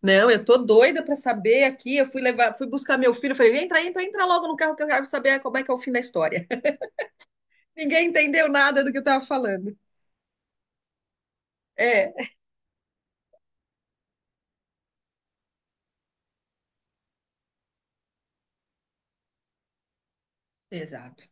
Não, eu tô doida pra saber aqui. Eu fui levar, fui buscar meu filho. Eu falei, entra, entra, entra logo no carro que eu quero saber como é que é o fim da história. Ninguém entendeu nada do que eu tava falando. É, exato.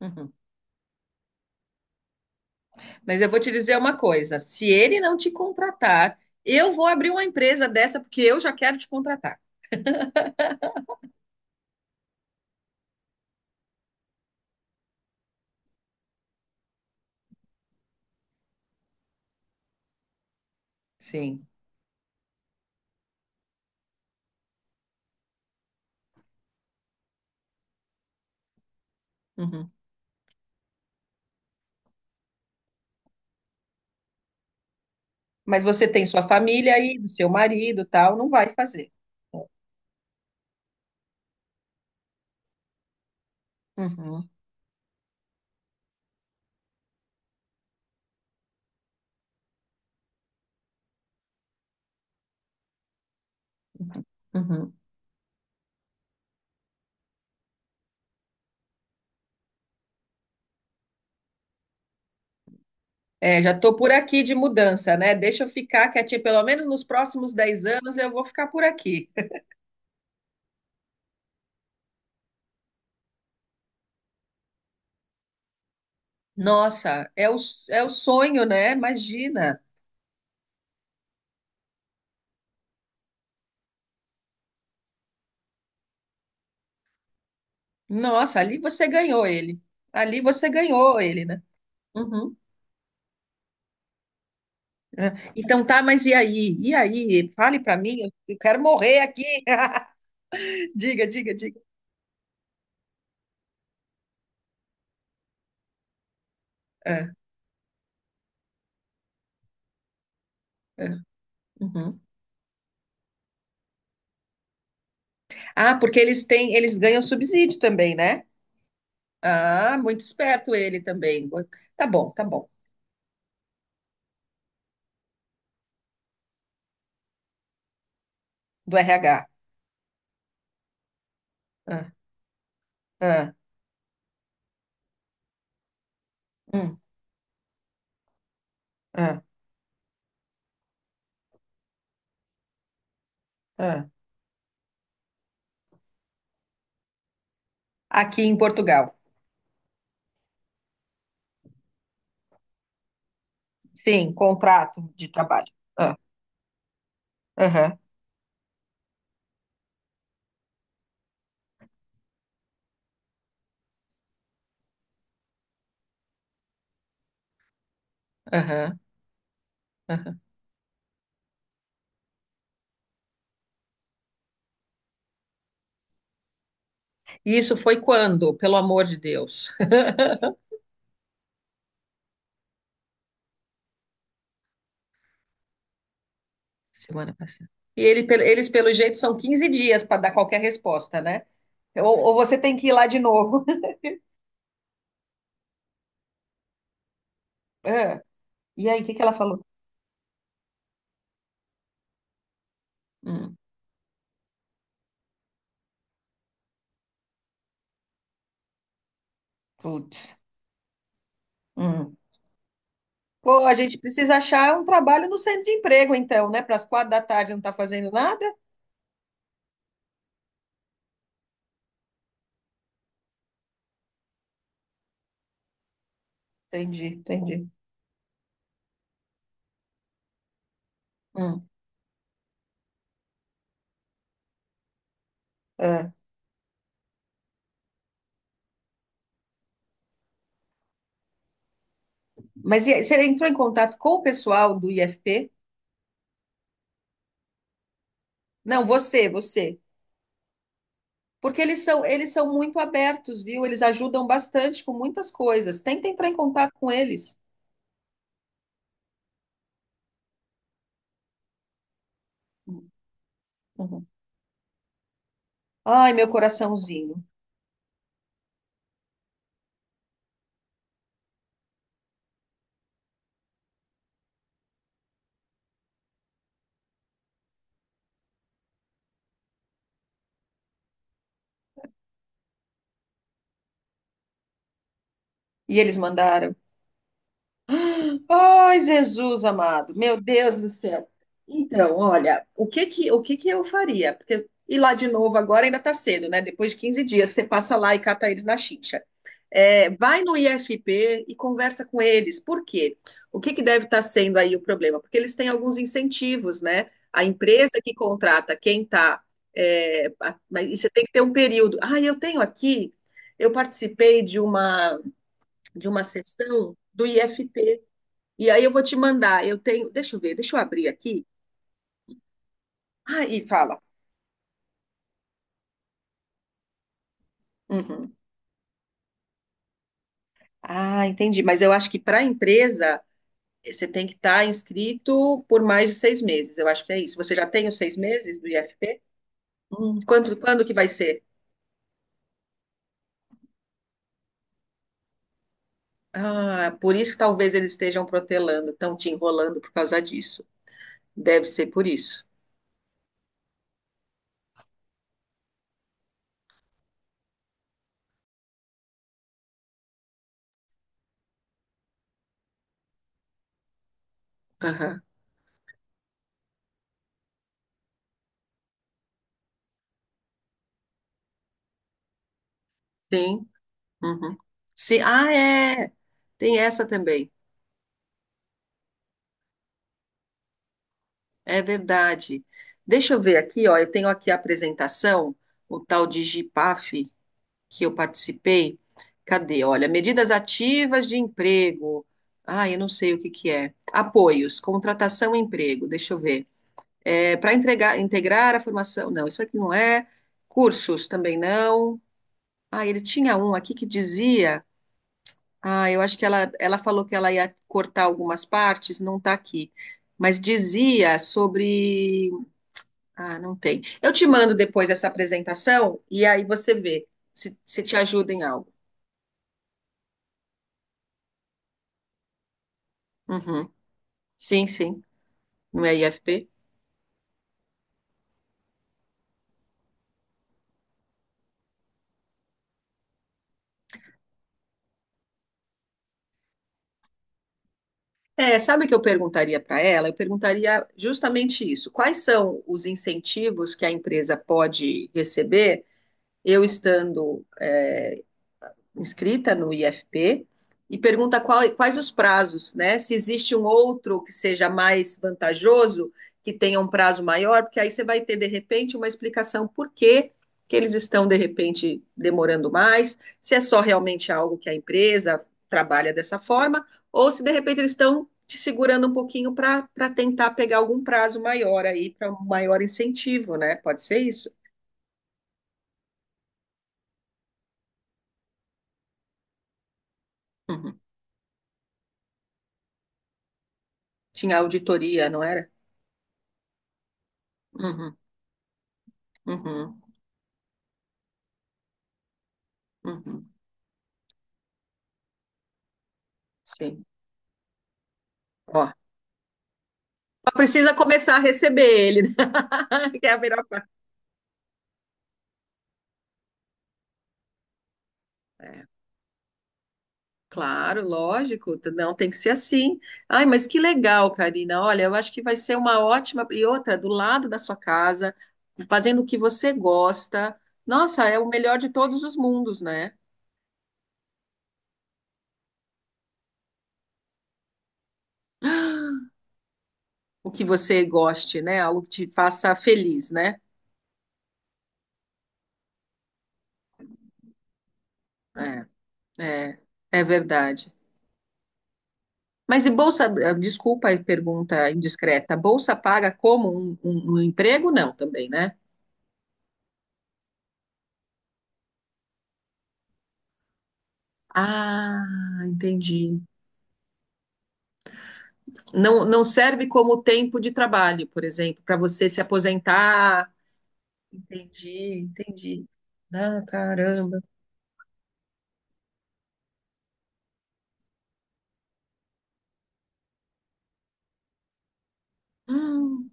Uhum. Mas eu vou te dizer uma coisa: se ele não te contratar, eu vou abrir uma empresa dessa porque eu já quero te contratar. Sim. Uhum. Mas você tem sua família aí, do seu marido, e tal, não vai fazer. Uhum. Uhum. É, já tô por aqui de mudança, né? Deixa eu ficar quietinha, pelo menos nos próximos 10 anos eu vou ficar por aqui. Nossa, é o sonho, né? Imagina. Nossa, ali você ganhou ele. Ali você ganhou ele, né? Uhum. É. Então tá, mas e aí? E aí? Fale pra mim, eu quero morrer aqui. Diga, diga, diga. É, é. Uhum. Ah, porque eles têm, eles ganham subsídio também, né? Ah, muito esperto ele também. Tá bom, tá bom. Do RH. Ah, ah, hum, ah, ah. Aqui em Portugal. Sim, contrato de trabalho. Ah, aham. Aham, aham. E isso foi quando? Pelo amor de Deus. Semana passada. E ele, eles, pelo jeito, são 15 dias para dar qualquer resposta, né? Ou você tem que ir lá de novo. Ah, e aí, o que que ela falou? Hum, putz. Hum. Pô, a gente precisa achar um trabalho no centro de emprego, então, né? Para as quatro da tarde não tá fazendo nada? Entendi, entendi. Hum, ah. Mas e aí, você entrou em contato com o pessoal do IFP? Não, você, você. Porque eles são muito abertos, viu? Eles ajudam bastante com muitas coisas. Tenta entrar em contato com eles. Uhum. Ai, meu coraçãozinho. E eles mandaram. Ai, Jesus amado, meu Deus do céu. Então, olha, o que que eu faria? Porque ir lá de novo agora ainda tá cedo, né? Depois de 15 dias, você passa lá e cata eles na chincha. É, vai no IFP e conversa com eles. Por quê? O que que deve estar sendo aí o problema? Porque eles têm alguns incentivos, né? A empresa que contrata quem tá. É, mas e você tem que ter um período. Ah, eu tenho aqui, eu participei de uma sessão do IFP. E aí eu vou te mandar. Eu tenho. Deixa eu ver, deixa eu abrir aqui. Ah, e fala. Uhum. Ah, entendi. Mas eu acho que para a empresa você tem que estar inscrito por mais de 6 meses. Eu acho que é isso. Você já tem os 6 meses do IFP? Quando, quando que vai ser? Ah, por isso que talvez eles estejam protelando, estão te enrolando por causa disso. Deve ser por isso. Aham. Sim. Uhum. Sim. Ah, é. Tem essa também. É verdade. Deixa eu ver aqui, ó. Eu tenho aqui a apresentação, o tal de GIPAF que eu participei. Cadê? Olha, medidas ativas de emprego. Ah, eu não sei o que que é. Apoios, contratação e emprego. Deixa eu ver. É, para entregar, integrar a formação. Não, isso aqui não é. Cursos também não. Ah, ele tinha um aqui que dizia. Ah, eu acho que ela falou que ela ia cortar algumas partes, não está aqui. Mas dizia sobre ah, não tem. Eu te mando depois essa apresentação e aí você vê se, se te ajuda em algo. Uhum. Sim, sim, não é IFP? É, sabe o que eu perguntaria para ela? Eu perguntaria justamente isso. Quais são os incentivos que a empresa pode receber eu estando é, inscrita no IFP e pergunta qual, quais os prazos, né? Se existe um outro que seja mais vantajoso, que tenha um prazo maior, porque aí você vai ter, de repente, uma explicação por que que eles estão, de repente, demorando mais, se é só realmente algo que a empresa trabalha dessa forma, ou se, de repente, eles estão te segurando um pouquinho para tentar pegar algum prazo maior aí, para um maior incentivo, né? Pode ser isso? Uhum. Tinha auditoria, não era? Uhum, uhum, uhum. Sim. Ó, só precisa começar a receber ele, né? Que é a melhor parte. É, claro, lógico, não tem que ser assim. Ai, mas que legal, Karina. Olha, eu acho que vai ser uma ótima. E outra, do lado da sua casa, fazendo o que você gosta. Nossa, é o melhor de todos os mundos, né? O que você goste, né? Algo que te faça feliz, né? É, é, é verdade. Mas e bolsa, eh, desculpa a pergunta indiscreta, bolsa paga como um emprego? Não, também, né? Ah, entendi. Não, não serve como tempo de trabalho, por exemplo, para você se aposentar. Entendi, entendi. Ah, caramba. Hum.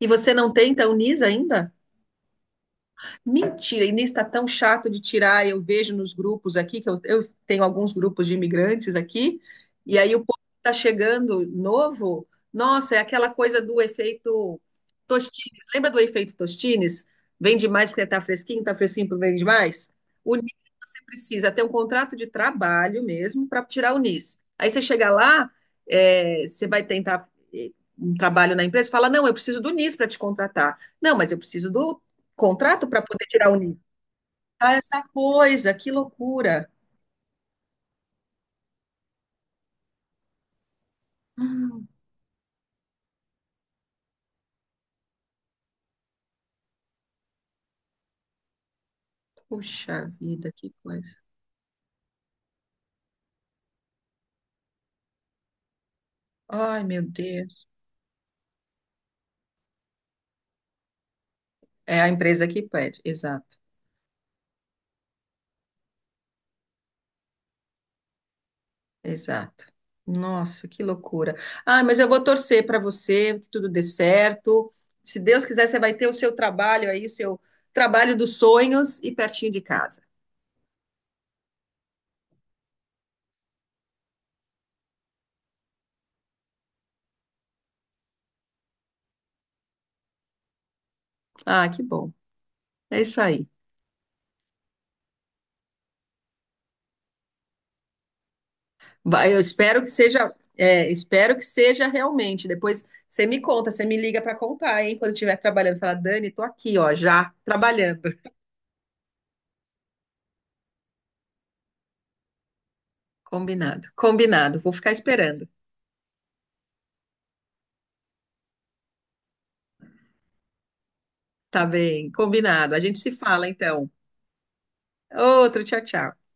E você não tem, então, NIS ainda? Mentira, e nisso está tão chato de tirar. Eu vejo nos grupos aqui, que eu tenho alguns grupos de imigrantes aqui, e aí o povo está chegando novo. Nossa, é aquela coisa do efeito Tostines. Lembra do efeito Tostines? Vende mais porque está fresquinho porque vende mais? O NIS você precisa ter um contrato de trabalho mesmo para tirar o NIS. Aí você chega lá, é, você vai tentar um trabalho na empresa, fala, não, eu preciso do NIS para te contratar. Não, mas eu preciso do contrato para poder tirar o nível. Ah, essa coisa, que loucura. Hum, puxa vida, que coisa. Ai, meu Deus. É a empresa que pede, exato, exato. Nossa, que loucura. Ah, mas eu vou torcer para você, que tudo dê certo. Se Deus quiser, você vai ter o seu trabalho aí, o seu trabalho dos sonhos e pertinho de casa. Ah, que bom. É isso aí. Vai, eu espero que seja, é, espero que seja realmente. Depois você me conta, você me liga para contar, hein? Quando estiver trabalhando, fala, Dani, tô aqui, ó, já trabalhando. Combinado, combinado. Vou ficar esperando. Tá bem, combinado. A gente se fala então. Outro, tchau, tchau.